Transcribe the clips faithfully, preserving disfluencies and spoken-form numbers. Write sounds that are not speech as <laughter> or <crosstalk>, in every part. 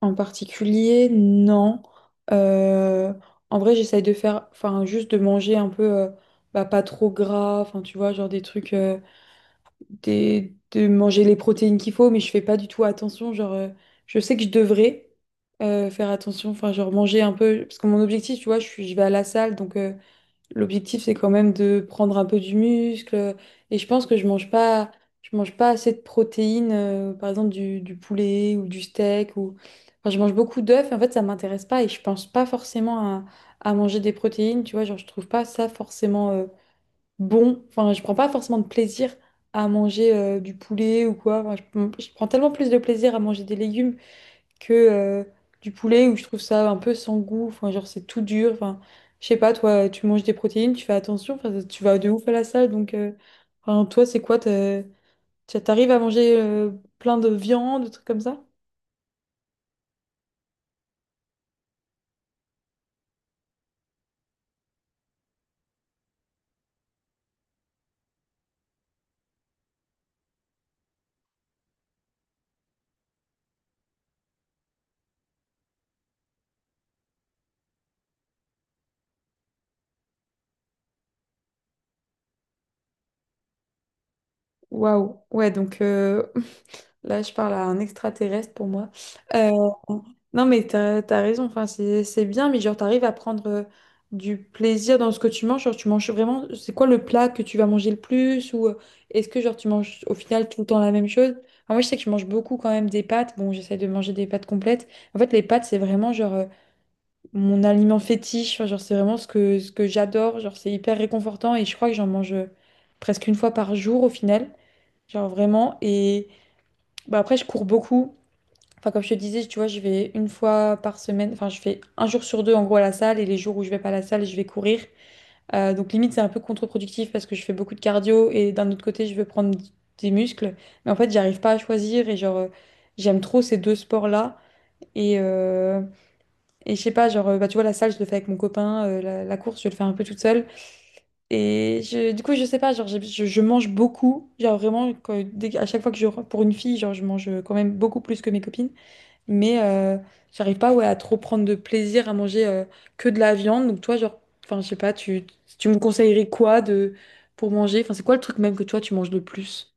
En particulier, non. Euh, en vrai, j'essaye de faire, enfin, juste de manger un peu, euh, bah, pas trop gras, enfin, tu vois, genre des trucs, euh, des, de manger les protéines qu'il faut, mais je fais pas du tout attention. Genre, euh, je sais que je devrais euh, faire attention, enfin, genre manger un peu, parce que mon objectif, tu vois, je suis, je vais à la salle. Donc euh, l'objectif, c'est quand même de prendre un peu du muscle. Et je pense que je mange pas, je mange pas assez de protéines, euh, par exemple du, du poulet ou du steak. Ou... Enfin, je mange beaucoup d'œufs. Et en fait, ça m'intéresse pas et je pense pas forcément à, à manger des protéines. Tu vois, genre, je trouve pas ça forcément euh, bon. Enfin, je prends pas forcément de plaisir à manger euh, du poulet ou quoi. Enfin, je, je prends tellement plus de plaisir à manger des légumes que euh, du poulet, où je trouve ça un peu sans goût. Enfin, genre, c'est tout dur. Enfin, je sais pas, toi, tu manges des protéines, tu fais attention. Enfin, tu vas de ouf à la salle. Donc, euh, enfin, toi, c'est quoi? t'as- t'as- T'arrives à manger euh, plein de viande, de trucs comme ça? Waouh. Ouais, donc, là, je parle à un extraterrestre pour moi. Euh, <laughs> non, mais t'as, t'as raison. Enfin, c'est, c'est bien, mais genre, t'arrives à prendre euh, du plaisir dans ce que tu manges. Genre, tu manges vraiment. C'est quoi le plat que tu vas manger le plus? Ou euh, est-ce que, genre, tu manges au final tout le temps la même chose? Enfin, moi, je sais que je mange beaucoup quand même des pâtes. Bon, j'essaie de manger des pâtes complètes. En fait, les pâtes, c'est vraiment, genre, euh, mon aliment fétiche. Enfin, genre, c'est vraiment ce que, ce que j'adore. Genre, c'est hyper réconfortant et je crois que j'en mange euh, presque une fois par jour au final. Genre, vraiment. Et bah, après, je cours beaucoup. Enfin, comme je te disais, tu vois, je vais une fois par semaine, enfin, je fais un jour sur deux en gros à la salle, et les jours où je vais pas à la salle, je vais courir. Euh, donc, limite, c'est un peu contre-productif parce que je fais beaucoup de cardio, et d'un autre côté, je veux prendre des muscles. Mais en fait, j'arrive pas à choisir et genre, euh, j'aime trop ces deux sports-là. Et, euh, et je sais pas, genre, euh, bah, tu vois, la salle, je le fais avec mon copain, euh, la, la course, je le fais un peu toute seule. Et je- du coup, je sais pas, genre, j'ai- je, je mange beaucoup. Genre, vraiment, quand- dès- à chaque fois que je, pour une fille, genre, je mange quand même beaucoup plus que mes copines. Mais euh, j'arrive pas, ouais, à trop prendre de plaisir à manger euh, que de la viande. Donc toi, genre, enfin, je sais pas, tu, tu me conseillerais quoi de, pour manger? Enfin, c'est quoi le truc même que toi, tu manges le plus?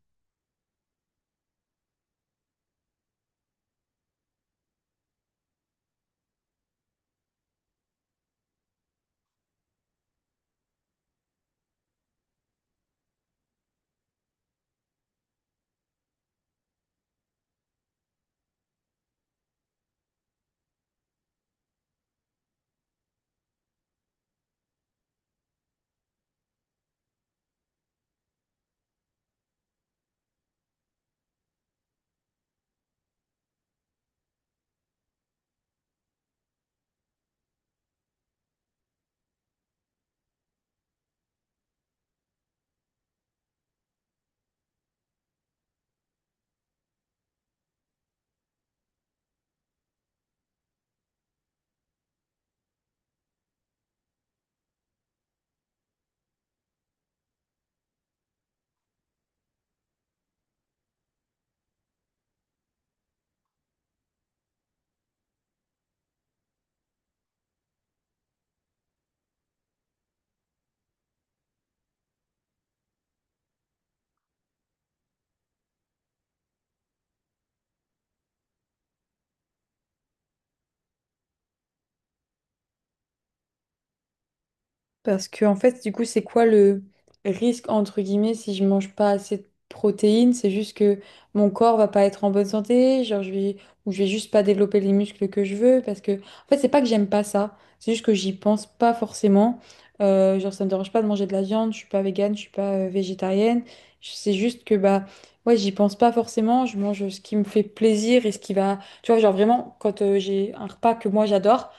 Parce que, en fait, du coup, c'est quoi le risque, entre guillemets, si je mange pas assez de protéines? C'est juste que mon corps va pas être en bonne santé, genre je vais, ou je vais juste pas développer les muscles que je veux. Parce que, en fait, c'est pas que j'aime pas ça, c'est juste que j'y pense pas forcément. Euh, genre, ça me dérange pas de manger de la viande, je suis pas végane, je suis pas euh, végétarienne. Je- C'est juste que, bah, ouais, j'y pense pas forcément, je mange ce qui me fait plaisir et ce qui va. Tu vois, genre vraiment, quand euh, j'ai un repas que moi j'adore,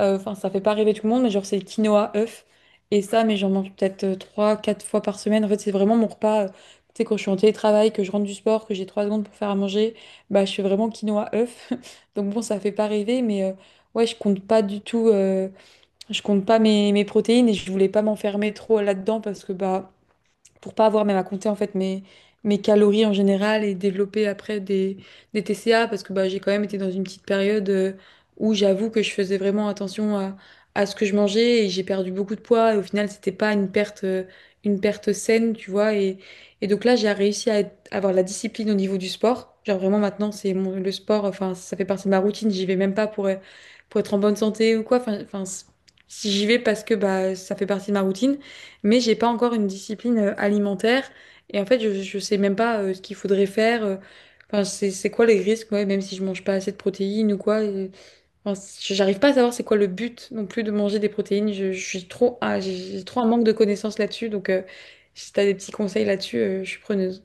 euh, enfin, ça fait pas rêver tout le monde, mais genre, c'est le quinoa œuf. Et ça, mais j'en mange peut-être euh, trois, quatre fois par semaine. En fait, c'est vraiment mon repas. euh, Tu sais, quand je suis en télétravail, que je rentre du sport, que j'ai trois secondes pour faire à manger, bah, je fais vraiment quinoa œuf. <laughs> Donc bon, ça fait pas rêver, mais euh, ouais, je compte pas du tout. Euh, je compte pas mes, mes protéines, et je voulais pas m'enfermer trop là-dedans parce que bah, pour pas avoir même à compter en fait mes, mes calories en général et développer après des, des T C A, parce que bah, j'ai quand même été dans une petite période euh, où j'avoue que je faisais vraiment attention à, à ce que je mangeais, et j'ai perdu beaucoup de poids et au final c'était pas une perte euh, une perte saine, tu vois, et, et donc là j'ai réussi à être- avoir la discipline au niveau du sport, genre vraiment maintenant c'est mon- le sport, enfin ça fait partie de ma routine, j'y vais même pas pour, euh, pour être en bonne santé ou quoi, enfin, enfin, si, j'y vais parce que bah ça fait partie de ma routine, mais j'ai pas encore une discipline euh, alimentaire, et en fait je, je sais même pas euh, ce qu'il faudrait faire, euh, enfin c'est c'est quoi les risques, ouais, même si je mange pas assez de protéines ou quoi, euh, enfin, c- j'arrive pas à savoir c'est quoi le but non plus de manger des protéines. Je, je suis trop ah, j'ai j'ai trop un manque de connaissances là-dessus. Donc euh, si t'as des petits conseils là-dessus, euh, je suis preneuse.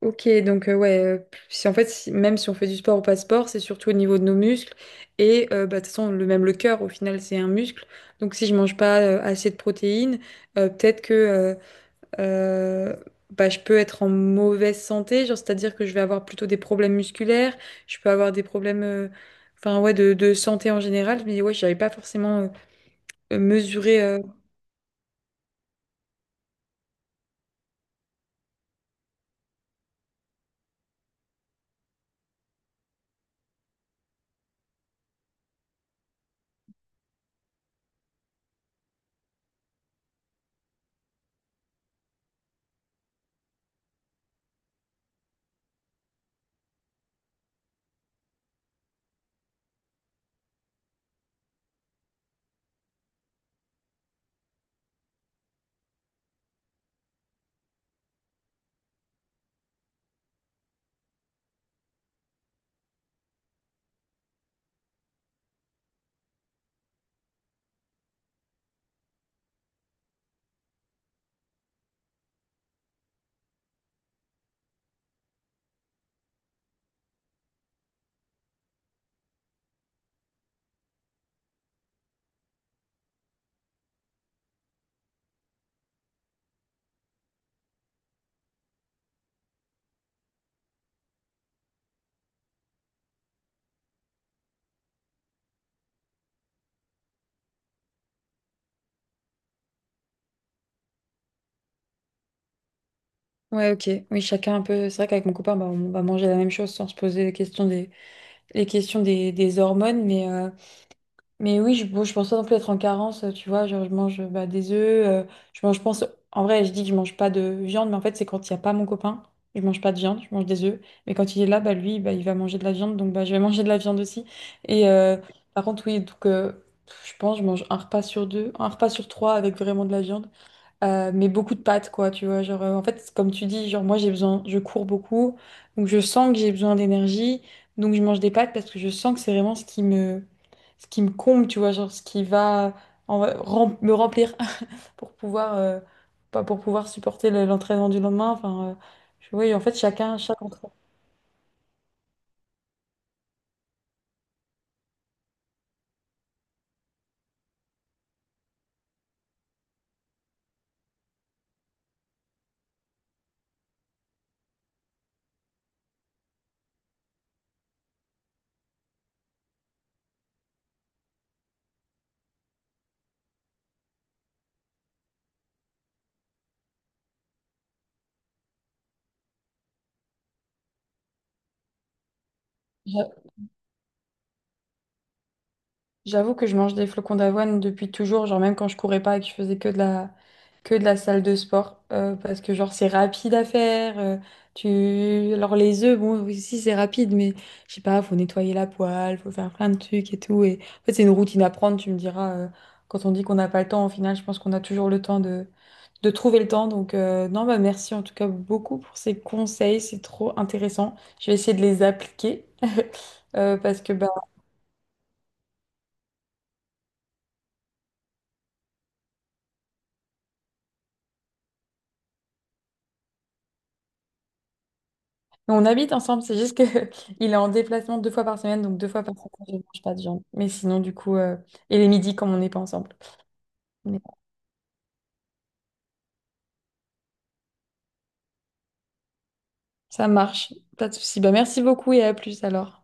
Ok, donc euh, ouais, euh, si en fait, si- même si on fait du sport ou pas de sport, c'est surtout au niveau de nos muscles, et euh, bah, de toute façon, le même le cœur, au final, c'est un muscle. Donc si je mange pas euh, assez de protéines, euh, peut-être que euh, euh, bah, je peux être en mauvaise santé, genre c'est-à-dire que je vais avoir plutôt des problèmes musculaires, je peux avoir des problèmes, euh, enfin ouais, de, de santé en général. Je me dis, ouais, j'avais pas forcément euh, mesuré. euh, Ouais, ok, oui, chacun un peu. C'est vrai qu'avec mon copain, bah, on va manger la même chose sans se poser la question des les questions des, des hormones, mais, euh, mais oui, je, bon, je pense pas non plus être en carence, euh, tu vois, genre je mange, bah, des œufs, euh, je mange, je pense, en vrai, je dis que je mange pas de viande, mais en fait, c'est quand il n'y a pas mon copain, je mange pas de viande, je mange des œufs, mais quand il est là, bah, lui, bah, il va manger de la viande, donc bah, je vais <laughs> manger de la viande aussi, et euh, par contre, oui, donc, euh, je pense, je mange un repas sur deux, un repas sur trois avec vraiment de la viande, euh, mais beaucoup de pâtes, quoi, tu vois. Genre, euh, en fait, comme tu dis, genre, moi, j'ai besoin, je cours beaucoup, donc je sens que j'ai besoin d'énergie, donc je mange des pâtes parce que je sens que c'est vraiment ce qui me, ce qui me, comble, tu vois, genre, ce qui va en- rem- me remplir <laughs> pour pouvoir, euh, pas pour pouvoir supporter le- l'entraînement du lendemain. Enfin, euh, je- oui, en fait, chacun, chaque entraînement. J'avoue que je mange des flocons d'avoine depuis toujours, genre même quand je courais pas et que je faisais que de la, que de la salle de sport, euh, parce que genre c'est rapide à faire. euh, tu... Alors les œufs, bon, aussi c'est rapide, mais je sais pas, faut nettoyer la poêle, faut faire plein de trucs et tout. Et... En fait c'est une routine à prendre, tu me diras, euh, quand on dit qu'on n'a pas le temps, au final je pense qu'on a toujours le temps de, de trouver le temps. Donc euh, non, bah merci en tout cas beaucoup pour ces conseils, c'est trop intéressant. Je vais essayer de les appliquer. <laughs> Euh, parce que bah, On habite ensemble, c'est juste que <laughs> il est en déplacement deux fois par semaine, donc deux fois par semaine, je ne mange pas de viande. Mais sinon, du coup, euh, et les midis, comme on n'est pas ensemble. Mais bon, ça marche, pas de souci. Bah, merci beaucoup, et à plus alors.